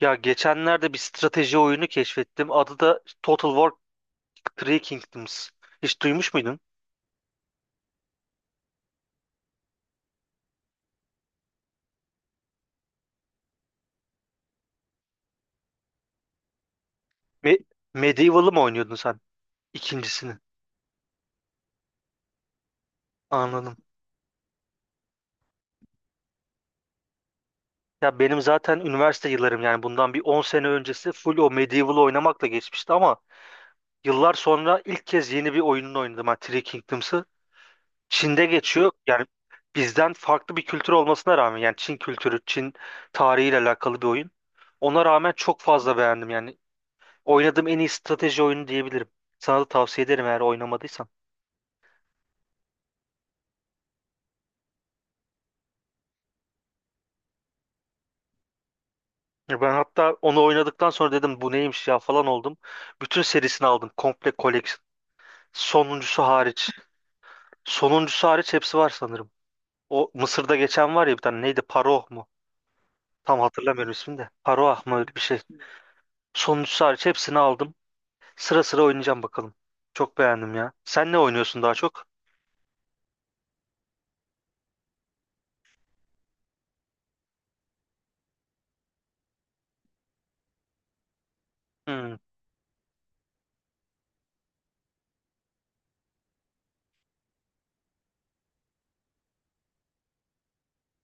Ya geçenlerde bir strateji oyunu keşfettim. Adı da Total War Three Kingdoms. Hiç duymuş muydun? Me Medieval'ı mı oynuyordun sen? İkincisini. Anladım. Ya benim zaten üniversite yıllarım, yani bundan bir 10 sene öncesi full o Medieval'ı oynamakla geçmişti ama yıllar sonra ilk kez yeni bir oyununu oynadım. Yani Three Kingdoms'ı. Çin'de geçiyor. Yani bizden farklı bir kültür olmasına rağmen, yani Çin kültürü, Çin tarihiyle alakalı bir oyun. Ona rağmen çok fazla beğendim yani. Oynadığım en iyi strateji oyunu diyebilirim. Sana da tavsiye ederim, eğer oynamadıysan. Ya ben hatta onu oynadıktan sonra dedim bu neymiş ya falan oldum. Bütün serisini aldım. Komple collection. Sonuncusu hariç. Sonuncusu hariç hepsi var sanırım. O Mısır'da geçen var ya, bir tane, neydi? Paroh mu? Tam hatırlamıyorum ismini de. Paroah mı, öyle bir şey. Sonuncusu hariç hepsini aldım. Sıra sıra oynayacağım bakalım. Çok beğendim ya. Sen ne oynuyorsun daha çok? Hmm.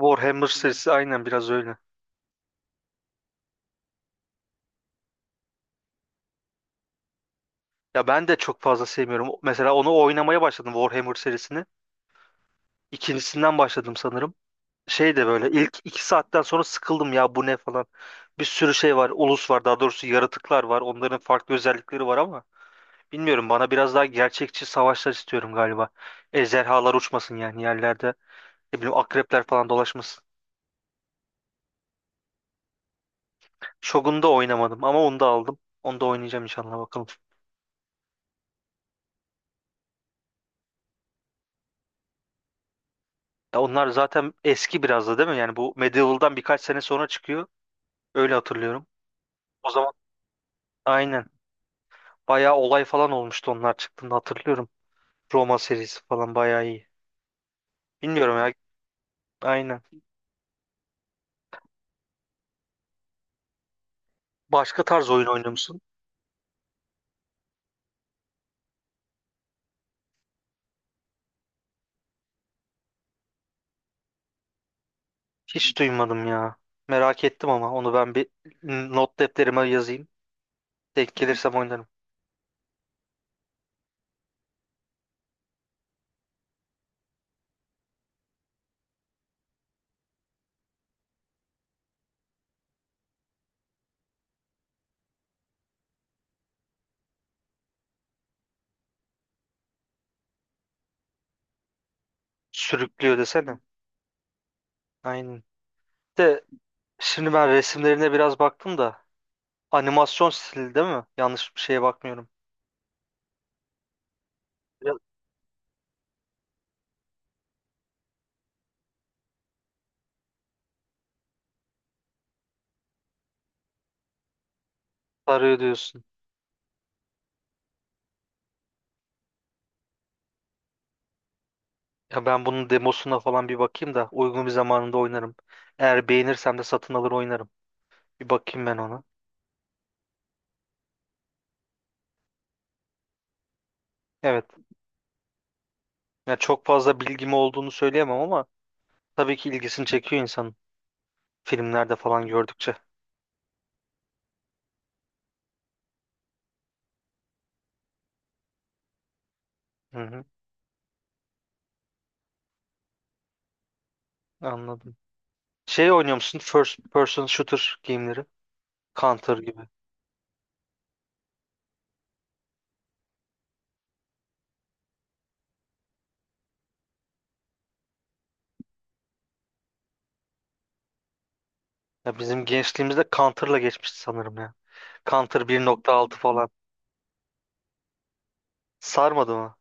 Warhammer serisi aynen biraz öyle. Ya ben de çok fazla sevmiyorum. Mesela onu oynamaya başladım, Warhammer serisini. İkincisinden başladım sanırım. Şey de böyle ilk 2 saatten sonra sıkıldım ya, bu ne falan. Bir sürü şey var. Ulus var, daha doğrusu yaratıklar var. Onların farklı özellikleri var ama bilmiyorum, bana biraz daha gerçekçi savaşlar, istiyorum galiba. Ejderhalar uçmasın yani yerlerde. Ne bileyim, akrepler falan dolaşmasın. Shogun'u da oynamadım ama onu da aldım. Onu da oynayacağım inşallah bakalım. Ya onlar zaten eski biraz da, değil mi? Yani bu Medieval'dan birkaç sene sonra çıkıyor. Öyle hatırlıyorum. O zaman aynen. Bayağı olay falan olmuştu onlar çıktığında, hatırlıyorum. Roma serisi falan bayağı iyi. Bilmiyorum ya. Aynen. Başka tarz oyun oynuyor musun? Hiç duymadım ya. Merak ettim ama onu ben bir not defterime yazayım. Denk gelirsem oynarım. Sürüklüyor desene. Aynen. De Şimdi ben resimlerine biraz baktım da animasyon stili, değil mi? Yanlış bir şeye bakmıyorum. Biraz sarıyor diyorsun. Ya ben bunun demosuna falan bir bakayım da uygun bir zamanında oynarım. Eğer beğenirsem de satın alır oynarım. Bir bakayım ben ona. Evet. Ya çok fazla bilgim olduğunu söyleyemem ama tabii ki ilgisini çekiyor insan, filmlerde falan gördükçe. Hı hı, anladım. Şey oynuyor musun? First person shooter game'leri. Counter gibi. Ya bizim gençliğimizde Counter'la geçmişti sanırım ya. Counter 1.6 falan. Sarmadı mı?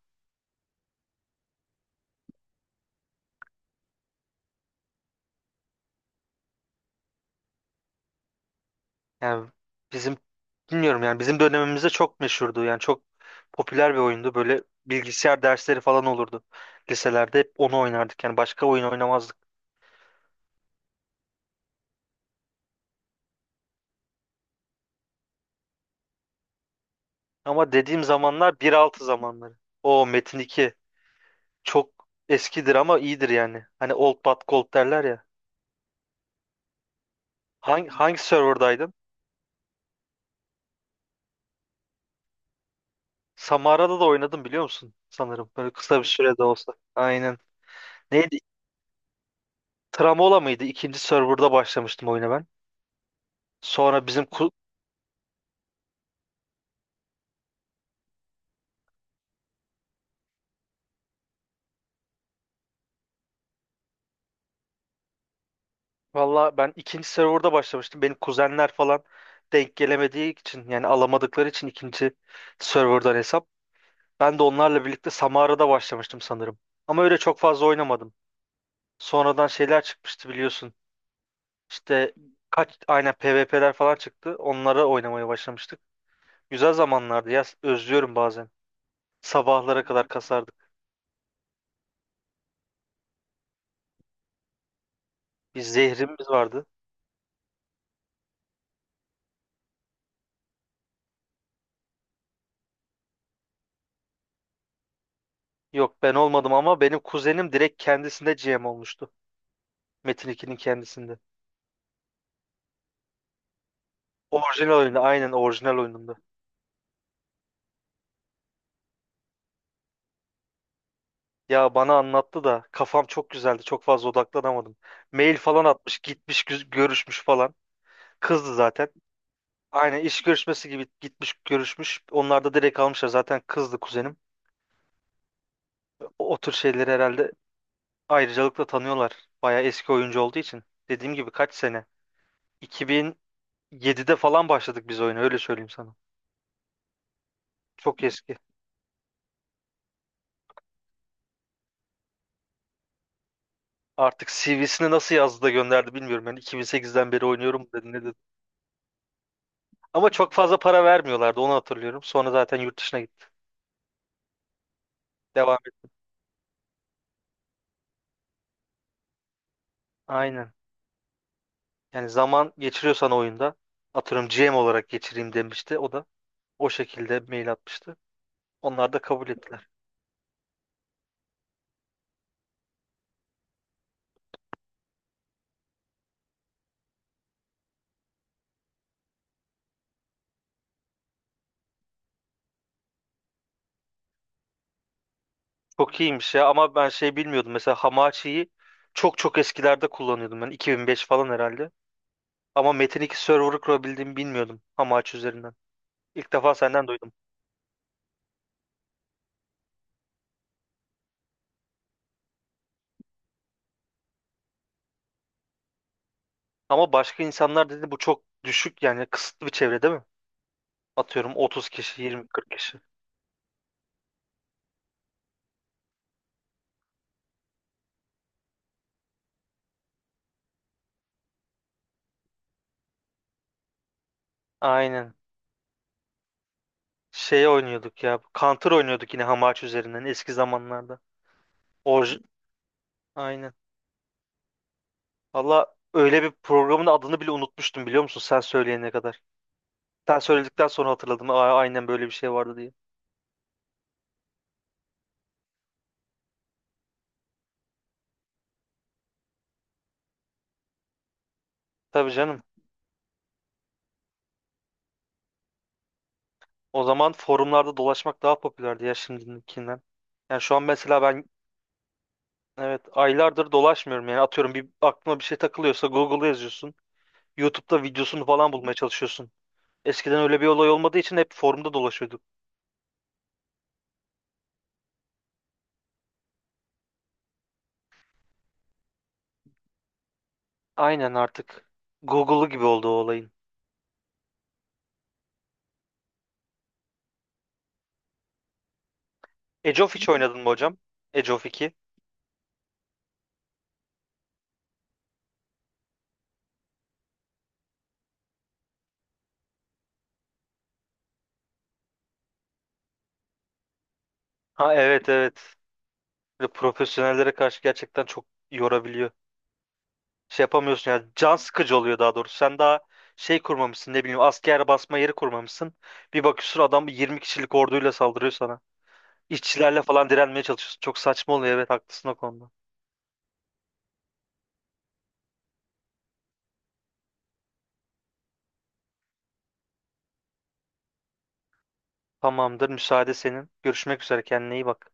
Yani bizim, bilmiyorum, yani bizim dönemimizde çok meşhurdu. Yani çok popüler bir oyundu. Böyle bilgisayar dersleri falan olurdu. Liselerde hep onu oynardık. Yani başka oyun oynamazdık. Ama dediğim zamanlar bir altı zamanları. O Metin 2 çok eskidir ama iyidir yani. Hani old but gold derler ya. Hangi serverdaydın? Samara'da da oynadım biliyor musun? Sanırım böyle kısa bir sürede olsa. Aynen. Neydi? Tramola mıydı? İkinci serverda başlamıştım oyuna ben. Sonra bizim ku Valla ben ikinci serverda başlamıştım. Benim kuzenler falan denk gelemediği için, yani alamadıkları için ikinci serverdan hesap. Ben de onlarla birlikte Samara'da başlamıştım sanırım. Ama öyle çok fazla oynamadım. Sonradan şeyler çıkmıştı biliyorsun. İşte aynen, PvP'ler falan çıktı. Onlara oynamaya başlamıştık. Güzel zamanlardı ya. Özlüyorum bazen. Sabahlara kadar kasardık. Bir zehrimiz vardı. Yok, ben olmadım ama benim kuzenim direkt kendisinde GM olmuştu. Metin 2'nin kendisinde. Orijinal oyunda, aynen, orijinal oyununda. Ya bana anlattı da kafam çok güzeldi. Çok fazla odaklanamadım. Mail falan atmış, gitmiş, görüşmüş falan. Kızdı zaten. Aynen, iş görüşmesi gibi gitmiş, görüşmüş. Onlar da direkt almışlar. Zaten kızdı kuzenim. O tür şeyleri herhalde ayrıcalıkla tanıyorlar. Bayağı eski oyuncu olduğu için. Dediğim gibi kaç sene? 2007'de falan başladık biz oyuna, öyle söyleyeyim sana. Çok eski. Artık CV'sini nasıl yazdı da gönderdi bilmiyorum. Yani 2008'den beri oynuyorum dedi, ne dedi. Ama çok fazla para vermiyorlardı, onu hatırlıyorum. Sonra zaten yurt dışına gitti. Devam et. Aynen. Yani zaman geçiriyorsan oyunda, atıyorum, GM olarak geçireyim demişti. O da o şekilde mail atmıştı. Onlar da kabul ettiler. Çok iyiymiş ya, ama ben şey bilmiyordum. Mesela Hamachi'yi çok çok eskilerde kullanıyordum ben. 2005 falan herhalde. Ama Metin 2 server'ı kurabildiğimi bilmiyordum Hamachi üzerinden. İlk defa senden duydum. Ama başka insanlar dedi, bu çok düşük yani, kısıtlı bir çevre, değil mi? Atıyorum 30 kişi, 20-40 kişi. Aynen. Şey oynuyorduk ya. Counter oynuyorduk yine Hamachi üzerinden eski zamanlarda. Orj Aynen. Valla, öyle bir programın adını bile unutmuştum biliyor musun, sen söyleyene kadar. Sen söyledikten sonra hatırladım. "Aa, aynen böyle bir şey vardı" diye. Tabii canım. O zaman forumlarda dolaşmak daha popülerdi ya, şimdikinden. Yani şu an mesela ben, evet, aylardır dolaşmıyorum. Yani atıyorum bir aklıma bir şey takılıyorsa Google'a yazıyorsun. YouTube'da videosunu falan bulmaya çalışıyorsun. Eskiden öyle bir olay olmadığı için hep forumda dolaşıyorduk. Aynen, artık Google'u gibi oldu o olayın. Age of hiç oynadın mı hocam? Age of 2. Ha, evet evet. Böyle profesyonellere karşı gerçekten çok yorabiliyor. Şey yapamıyorsun ya, can sıkıcı oluyor daha doğrusu. Sen daha şey kurmamışsın, ne bileyim asker basma yeri kurmamışsın. Bir bakıyorsun adam 20 kişilik orduyla saldırıyor sana. İşçilerle falan direnmeye çalışıyorsun. Çok saçma oluyor, evet haklısın o konuda. Tamamdır, müsaade senin. Görüşmek üzere, kendine iyi bak.